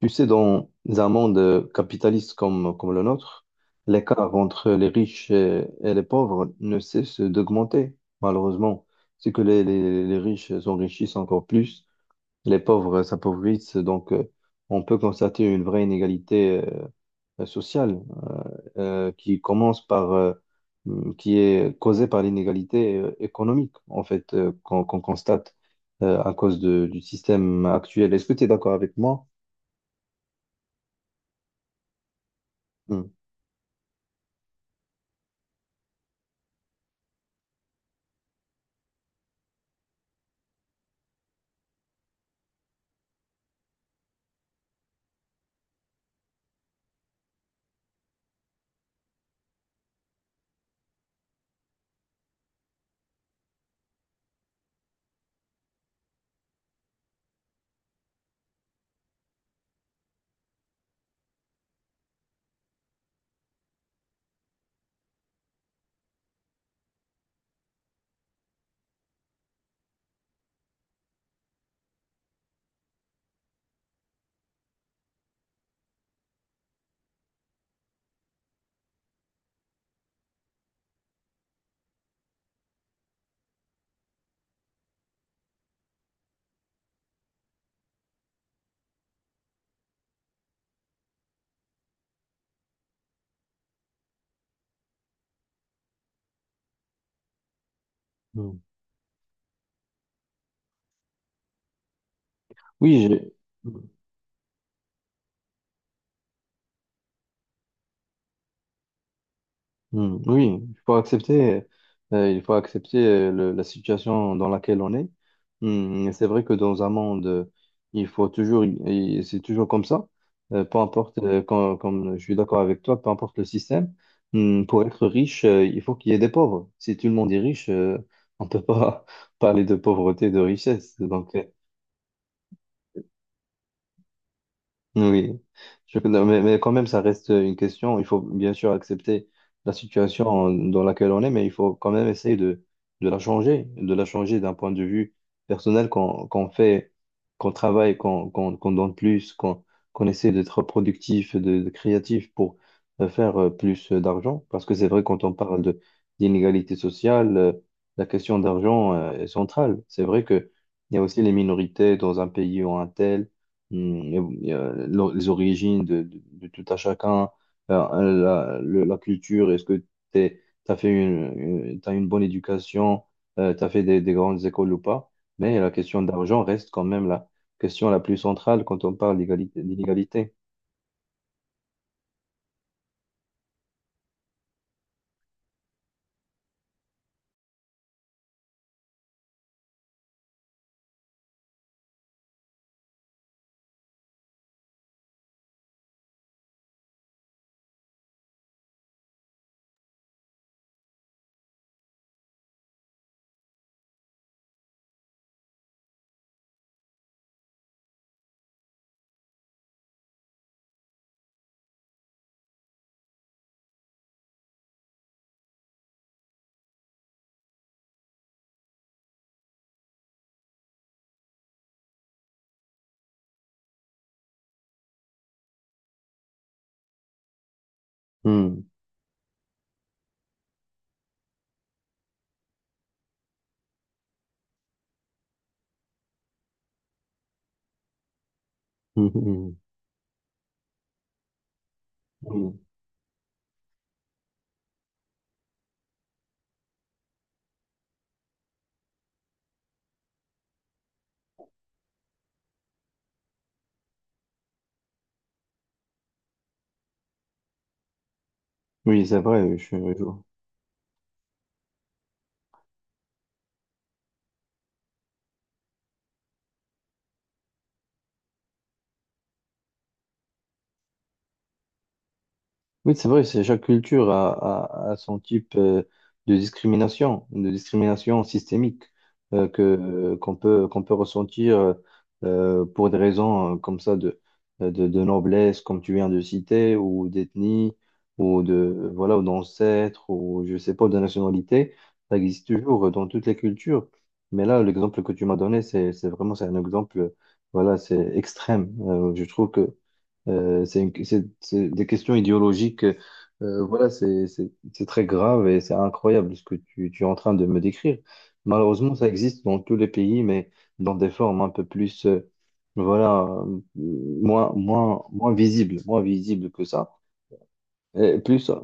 Tu sais, dans un monde capitaliste comme le nôtre, l'écart entre les riches et les pauvres ne cesse d'augmenter, malheureusement. C'est que les riches s'enrichissent encore plus, les pauvres s'appauvrissent, donc on peut constater une vraie inégalité sociale qui commence qui est causée par l'inégalité économique, en fait, qu'on constate à cause du système actuel. Est-ce que tu es d'accord avec moi? Hmm. Oui, j'ai- Hmm, hmm, oui, il faut accepter la situation dans laquelle on est. Et c'est vrai que dans un monde, il faut toujours, et c'est toujours comme ça. Peu importe, comme je suis d'accord avec toi, peu importe le système, pour être riche, il faut qu'il y ait des pauvres. Si tout le monde est riche, on ne peut pas parler de pauvreté, de richesse. Donc, oui. Non, mais, quand même, ça reste une question. Il faut bien sûr accepter la situation dans laquelle on est, mais il faut quand même essayer de, de la changer d'un point de vue personnel, qu'on fait, qu'on travaille, qu'on donne plus, qu'on essaie d'être productif, de créatif pour faire plus d'argent. Parce que c'est vrai, quand on parle de d'inégalité sociale, la question d'argent est centrale. C'est vrai que il y a aussi les minorités dans un pays ou un tel. Mm, et, les origines de, de tout à chacun, la culture, est-ce que tu as fait t'as une bonne éducation, tu as fait des grandes écoles ou pas, mais la question d'argent reste quand même la question la plus centrale quand on parle d'égalité, d'inégalité. Mm, mm, mm, mm. Oui, c'est vrai, je, je- Oui, c'est vrai, c'est chaque culture a, a son type de discrimination systémique que qu'on peut ressentir pour des raisons comme ça de noblesse, comme tu viens de citer, ou d'ethnie, ou de voilà, ou d'ancêtre, ou je sais pas, de nationalité. Ça existe toujours dans toutes les cultures. Mais là, l'exemple que tu m'as donné, c'est vraiment c'est un exemple, voilà, c'est extrême. Je trouve que c'est des questions idéologiques. Voilà, c'est très grave et c'est incroyable ce que tu es en train de me décrire. Malheureusement, ça existe dans tous les pays, mais dans des formes un peu plus, voilà, moins visibles que ça. Et plus,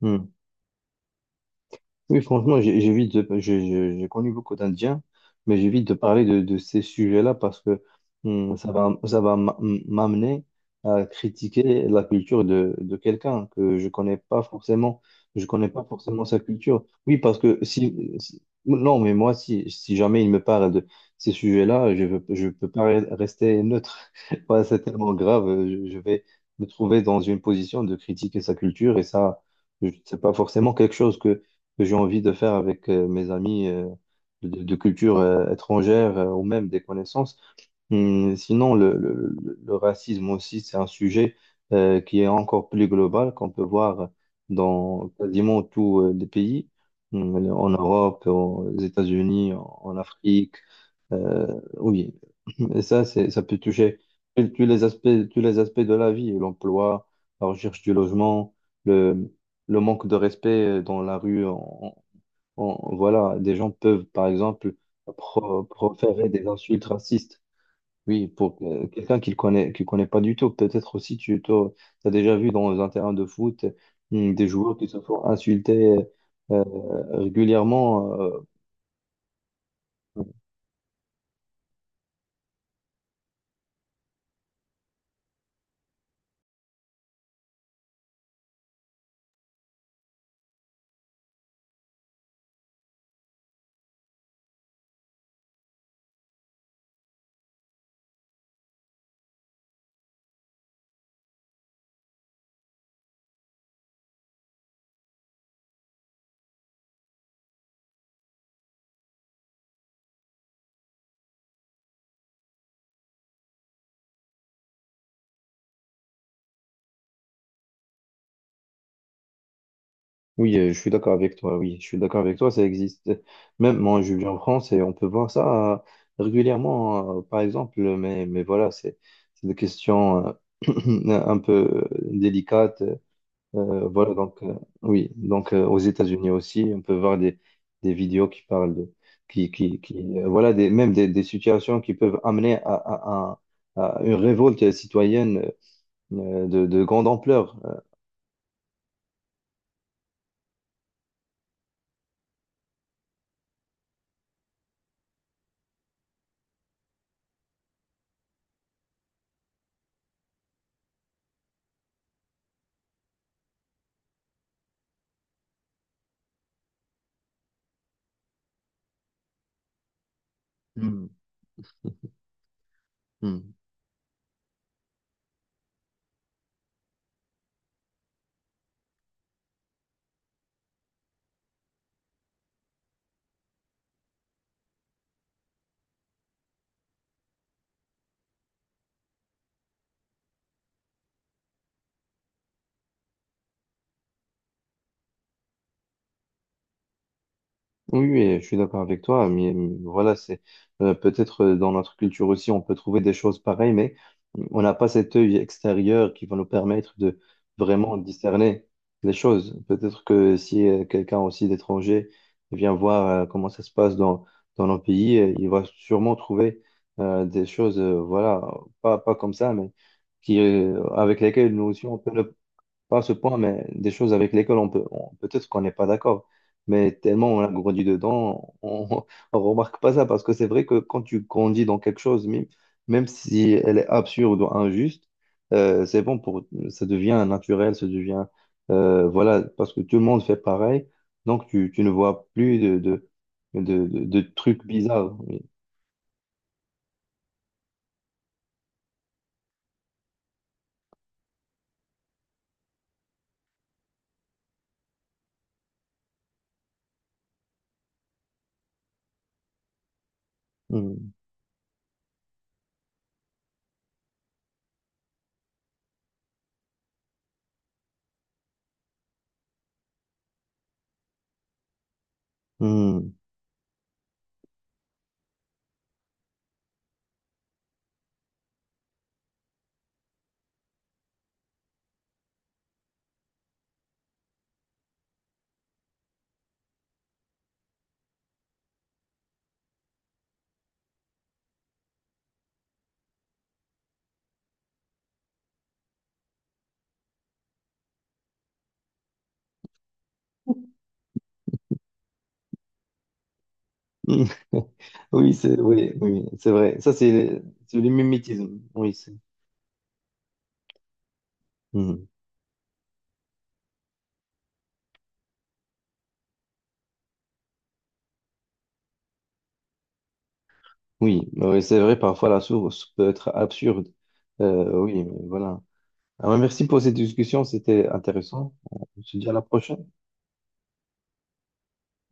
hmm. Oui, franchement, j'évite j'ai connu beaucoup d'Indiens, mais j'évite de parler de ces sujets-là parce que ça va m'amener à critiquer la culture de quelqu'un que je connais pas forcément. Je connais pas forcément sa culture. Oui, parce que non, mais moi, si jamais il me parle de ces sujets-là, je peux pas rester neutre. Voilà, c'est tellement grave. Je vais me trouver dans une position de critiquer sa culture et ça, c'est pas forcément quelque chose que j'ai envie de faire avec mes amis de culture étrangère ou même des connaissances. Sinon, le racisme aussi, c'est un sujet qui est encore plus global, qu'on peut voir dans quasiment tous les pays. En Europe, aux États-Unis, en Afrique. Oui, et ça, ça peut toucher tous tous les aspects, tous les aspects de la vie, l'emploi, la recherche du logement, le, le manque de respect dans la rue. Voilà, des gens peuvent, par exemple, proférer des insultes racistes, oui, pour quelqu'un qui connaît pas du tout. Peut-être aussi tu as déjà vu dans un terrain de foot, des joueurs qui se font insulter euh, régulièrement. Oui, je suis d'accord avec toi, oui, je suis d'accord avec toi, ça existe. Même moi, je vis en France et on peut voir ça régulièrement, par exemple, mais, voilà, c'est des questions un peu délicates. Voilà, donc, oui. Donc aux États-Unis aussi, on peut voir des vidéos qui parlent qui voilà, des situations qui peuvent amener à une révolte citoyenne de grande ampleur. Euh, Mm. Oui, oui, je suis d'accord avec toi, mais voilà, c'est peut-être dans notre culture aussi, on peut trouver des choses pareilles, mais mmh, on n'a pas cet œil extérieur qui va nous permettre de vraiment discerner les choses. Peut-être que si quelqu'un aussi d'étranger vient voir comment ça se passe dans nos pays, il va sûrement trouver des choses, voilà, pas comme ça, mais qui, avec lesquelles nous aussi, on peut ne pas à ce point, mais des choses avec lesquelles on peut, peut-être qu'on n'est pas d'accord, mais tellement on a grandi dedans, on, on remarque pas ça parce que c'est vrai que quand tu grandis dans quelque chose, même si elle est absurde ou injuste, c'est bon pour, ça devient naturel, ça devient, voilà, parce que tout le monde fait pareil, donc tu ne vois plus de trucs bizarres. Oui. Hmm. Hmm. Hmm. Oui, c'est oui, oui, c'est vrai. Ça, c'est le mimétisme. Oui, c'est. Mmh. Oui, oui, c'est vrai, parfois la source peut être absurde. Oui, mais voilà. Alors, merci pour cette discussion, c'était intéressant. On se dit à la prochaine.